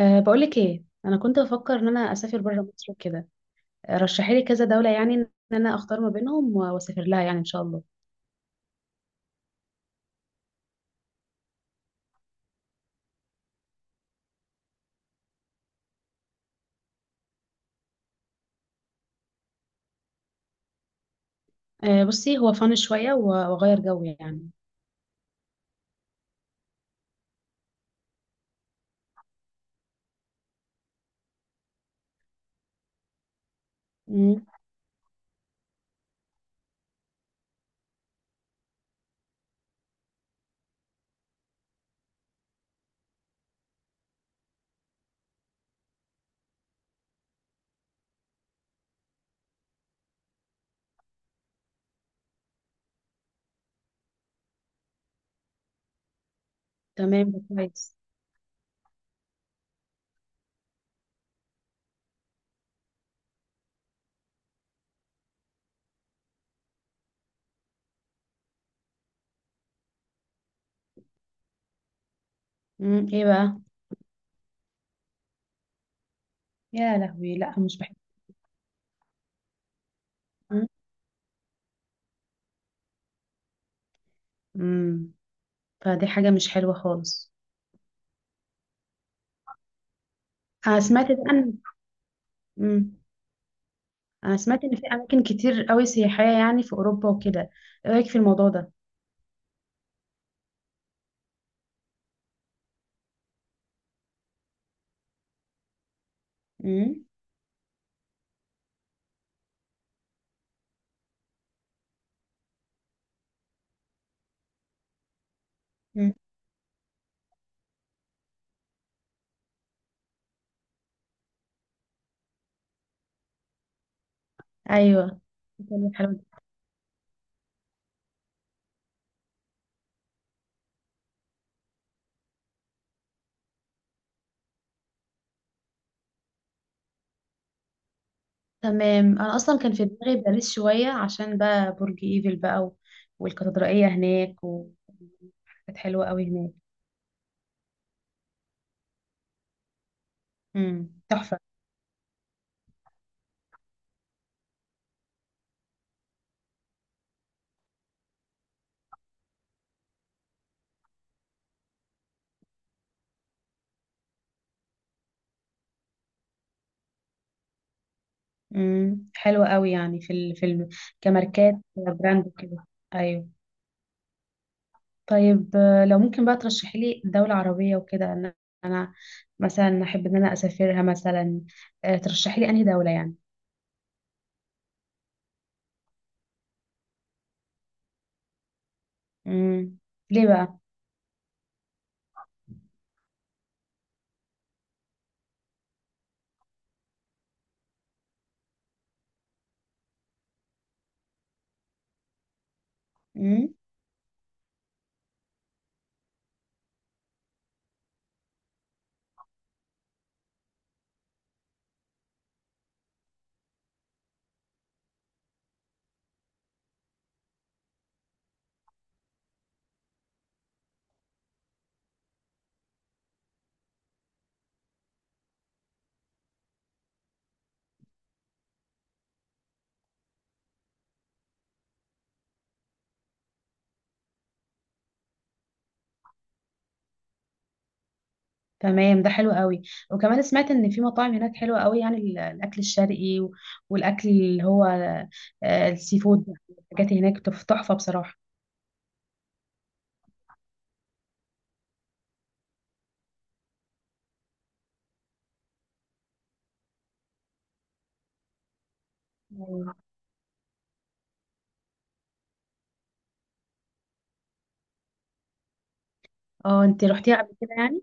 بقولك ايه، انا كنت بفكر ان انا اسافر بره مصر وكده. رشحي لي كذا دوله، يعني ان انا اختار ما بينهم واسافر لها يعني ان شاء الله. بصي، هو فن شويه واغير جو يعني. امم تمام، ده كويس. ايه بقى؟ يا لهوي، لا مش بحب. امم فدي حاجه مش حلوه خالص. انا سمعت بقى ان… امم انا سمعت ان في اماكن كتير قوي سياحيه يعني في اوروبا وكده. ايه رايك في الموضوع ده؟ امم أمم. ايوه، إيطاليا حلوة. تمام، انا اصلا كان في دماغي باريس شويه عشان بقى برج ايفل بقى والكاتدرائيه هناك كانت حلوه قوي هناك. تحفه. حلوه قوي يعني في ال… في ال… كماركات براند وكده. ايوه. طيب لو ممكن بقى ترشحي لي دوله عربيه وكده، انا انا مثلا احب ان انا اسافرها مثلا. ترشحي لي انهي دوله يعني. امم ليه بقى؟ تمام، ده حلو قوي. وكمان سمعت ان في مطاعم هناك حلوه قوي، يعني الاكل الشرقي والاكل اللي هو السي فود. الحاجات هناك تحفه بصراحه. أيوة. اه، انت رحتيها قبل كده يعني؟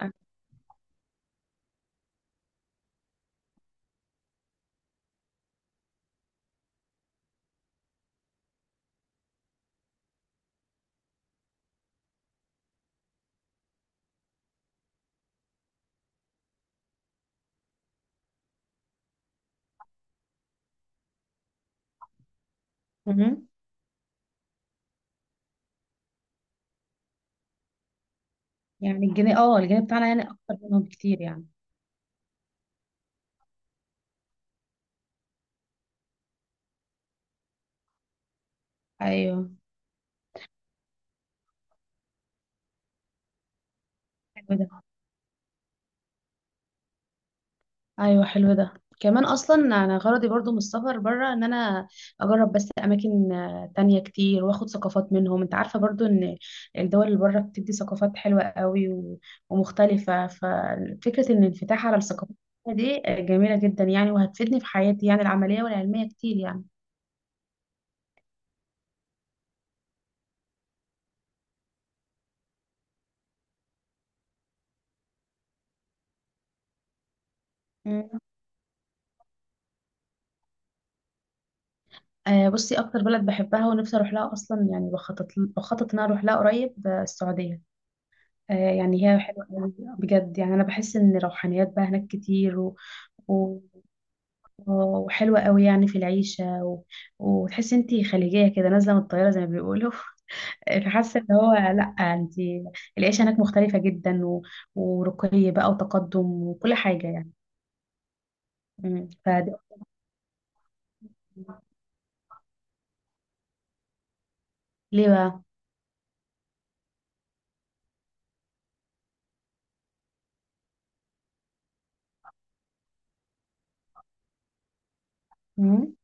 أه. مهم. يعني الجنيه، اه الجنيه بتاعنا يعني اكتر منهم بكتير يعني. ايوه، حلو ده. ايوه، حلو ده. كمان اصلا انا غرضي برضو من السفر بره ان انا اجرب بس اماكن تانية كتير، واخد ثقافات منهم. انت عارفه برضو ان الدول اللي بره بتدي ثقافات حلوه قوي ومختلفه. ففكره ان الانفتاح على الثقافات دي جميله جدا يعني، وهتفيدني في حياتي يعني العمليه والعلميه كتير يعني. مم. بصي، اكتر بلد بحبها ونفسي اروح لها اصلا يعني، بخطط ان أنا اروح لها قريب السعوديه. يعني هي حلوة قوي، بجد يعني. أنا بحس إن روحانيات بقى هناك كتير و… و… وحلوة قوي يعني في العيشة و… وتحس انتي خليجية كده نازلة من الطيارة زي ما بيقولوا فحاسة إن هو، لأ، انتي العيشة هناك مختلفة جدا و… ورقي بقى وتقدم وكل حاجة يعني. مم. فدي… ليه بقى؟ مم.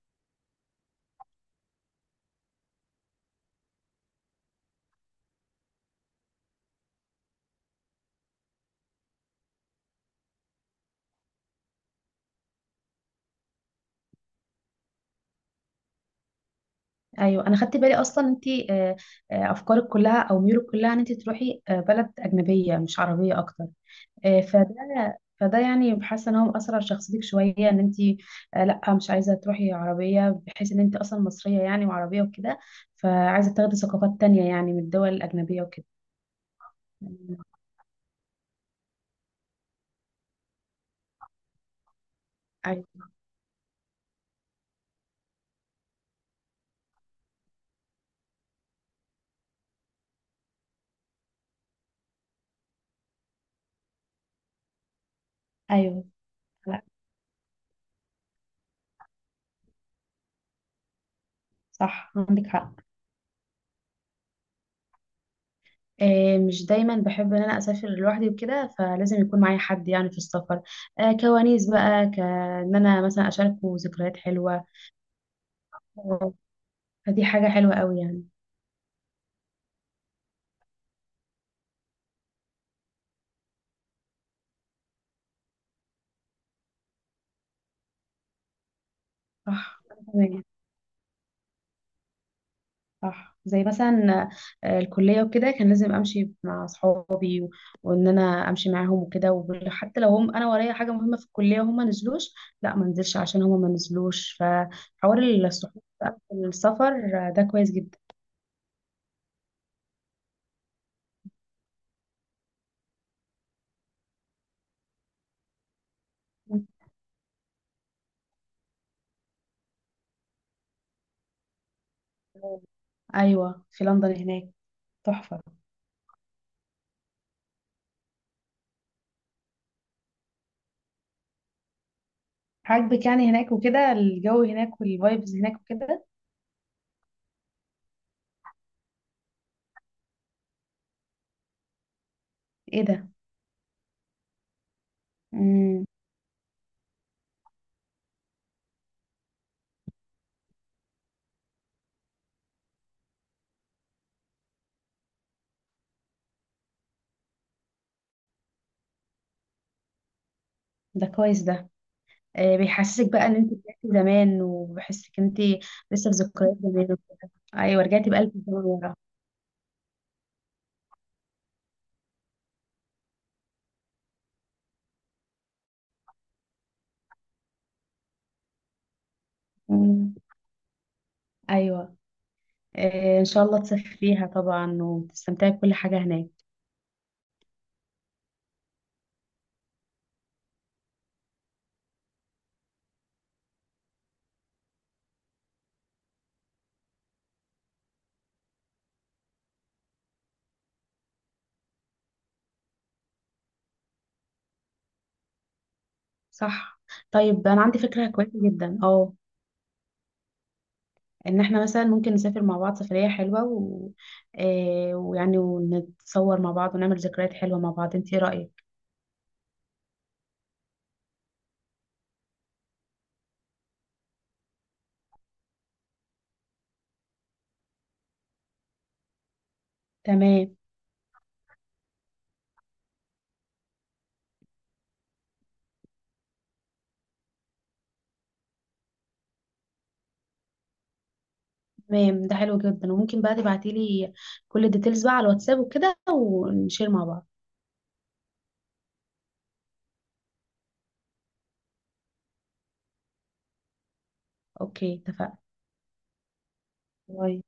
أيوة، أنا خدت بالي أصلا انتي أفكارك كلها أو ميولك كلها إن انتي تروحي بلد أجنبية مش عربية أكتر. فده فده يعني، حاسه ان هو مأثر على شخصيتك شويه، ان انت لا مش عايزه تروحي عربيه، بحيث ان انت اصلا مصريه يعني وعربيه وكده، فعايزه تاخدي ثقافات تانية يعني من الدول الاجنبيه وكده. ايوه. ايوه. لا. صح، عندك حق. مش دايما بحب ان انا اسافر لوحدي وكده، فلازم يكون معايا حد يعني في السفر، كوانيس بقى، كان انا مثلا اشاركه ذكريات حلوه. آه، فدي حاجه حلوه قوي يعني. صح، أنا كمان. صح، زي مثلا الكلية وكده، كان لازم أمشي مع أصحابي وإن أنا أمشي معاهم وكده. وحتى لو هم، أنا ورايا حاجة مهمة في الكلية وهم ما نزلوش، لا ما انزلش عشان هم ما نزلوش، فحوار الصحاب بقى في السفر ده كويس جدا. أيوة، في لندن هناك. تحفة. عاجبك يعني هناك وكده، الجو هناك والفايبز هناك وكده. إيه ده؟ مم. ده كويس ده. بيحسسك بقى ان انت رجعتي زمان، وبحسك انت لسه في ذكريات زمان وكده. ايوه، رجعتي بقلب الزمن ورا. مم. ايوه. ان شاء الله تسافريها طبعا وتستمتعي بكل حاجه هناك. صح. طيب انا عندي فكره كويسه جدا، اه. ان احنا مثلا ممكن نسافر مع بعض سفريه حلوه و… ويعني ونتصور مع بعض، ونعمل ذكريات حلوه مع بعض. انت ايه رايك؟ تمام. تمام، ده حلو جدا. وممكن بقى تبعتي لي كل الديتيلز بقى على الواتساب وكده، ونشير مع بعض. اوكي، اتفقنا. الله.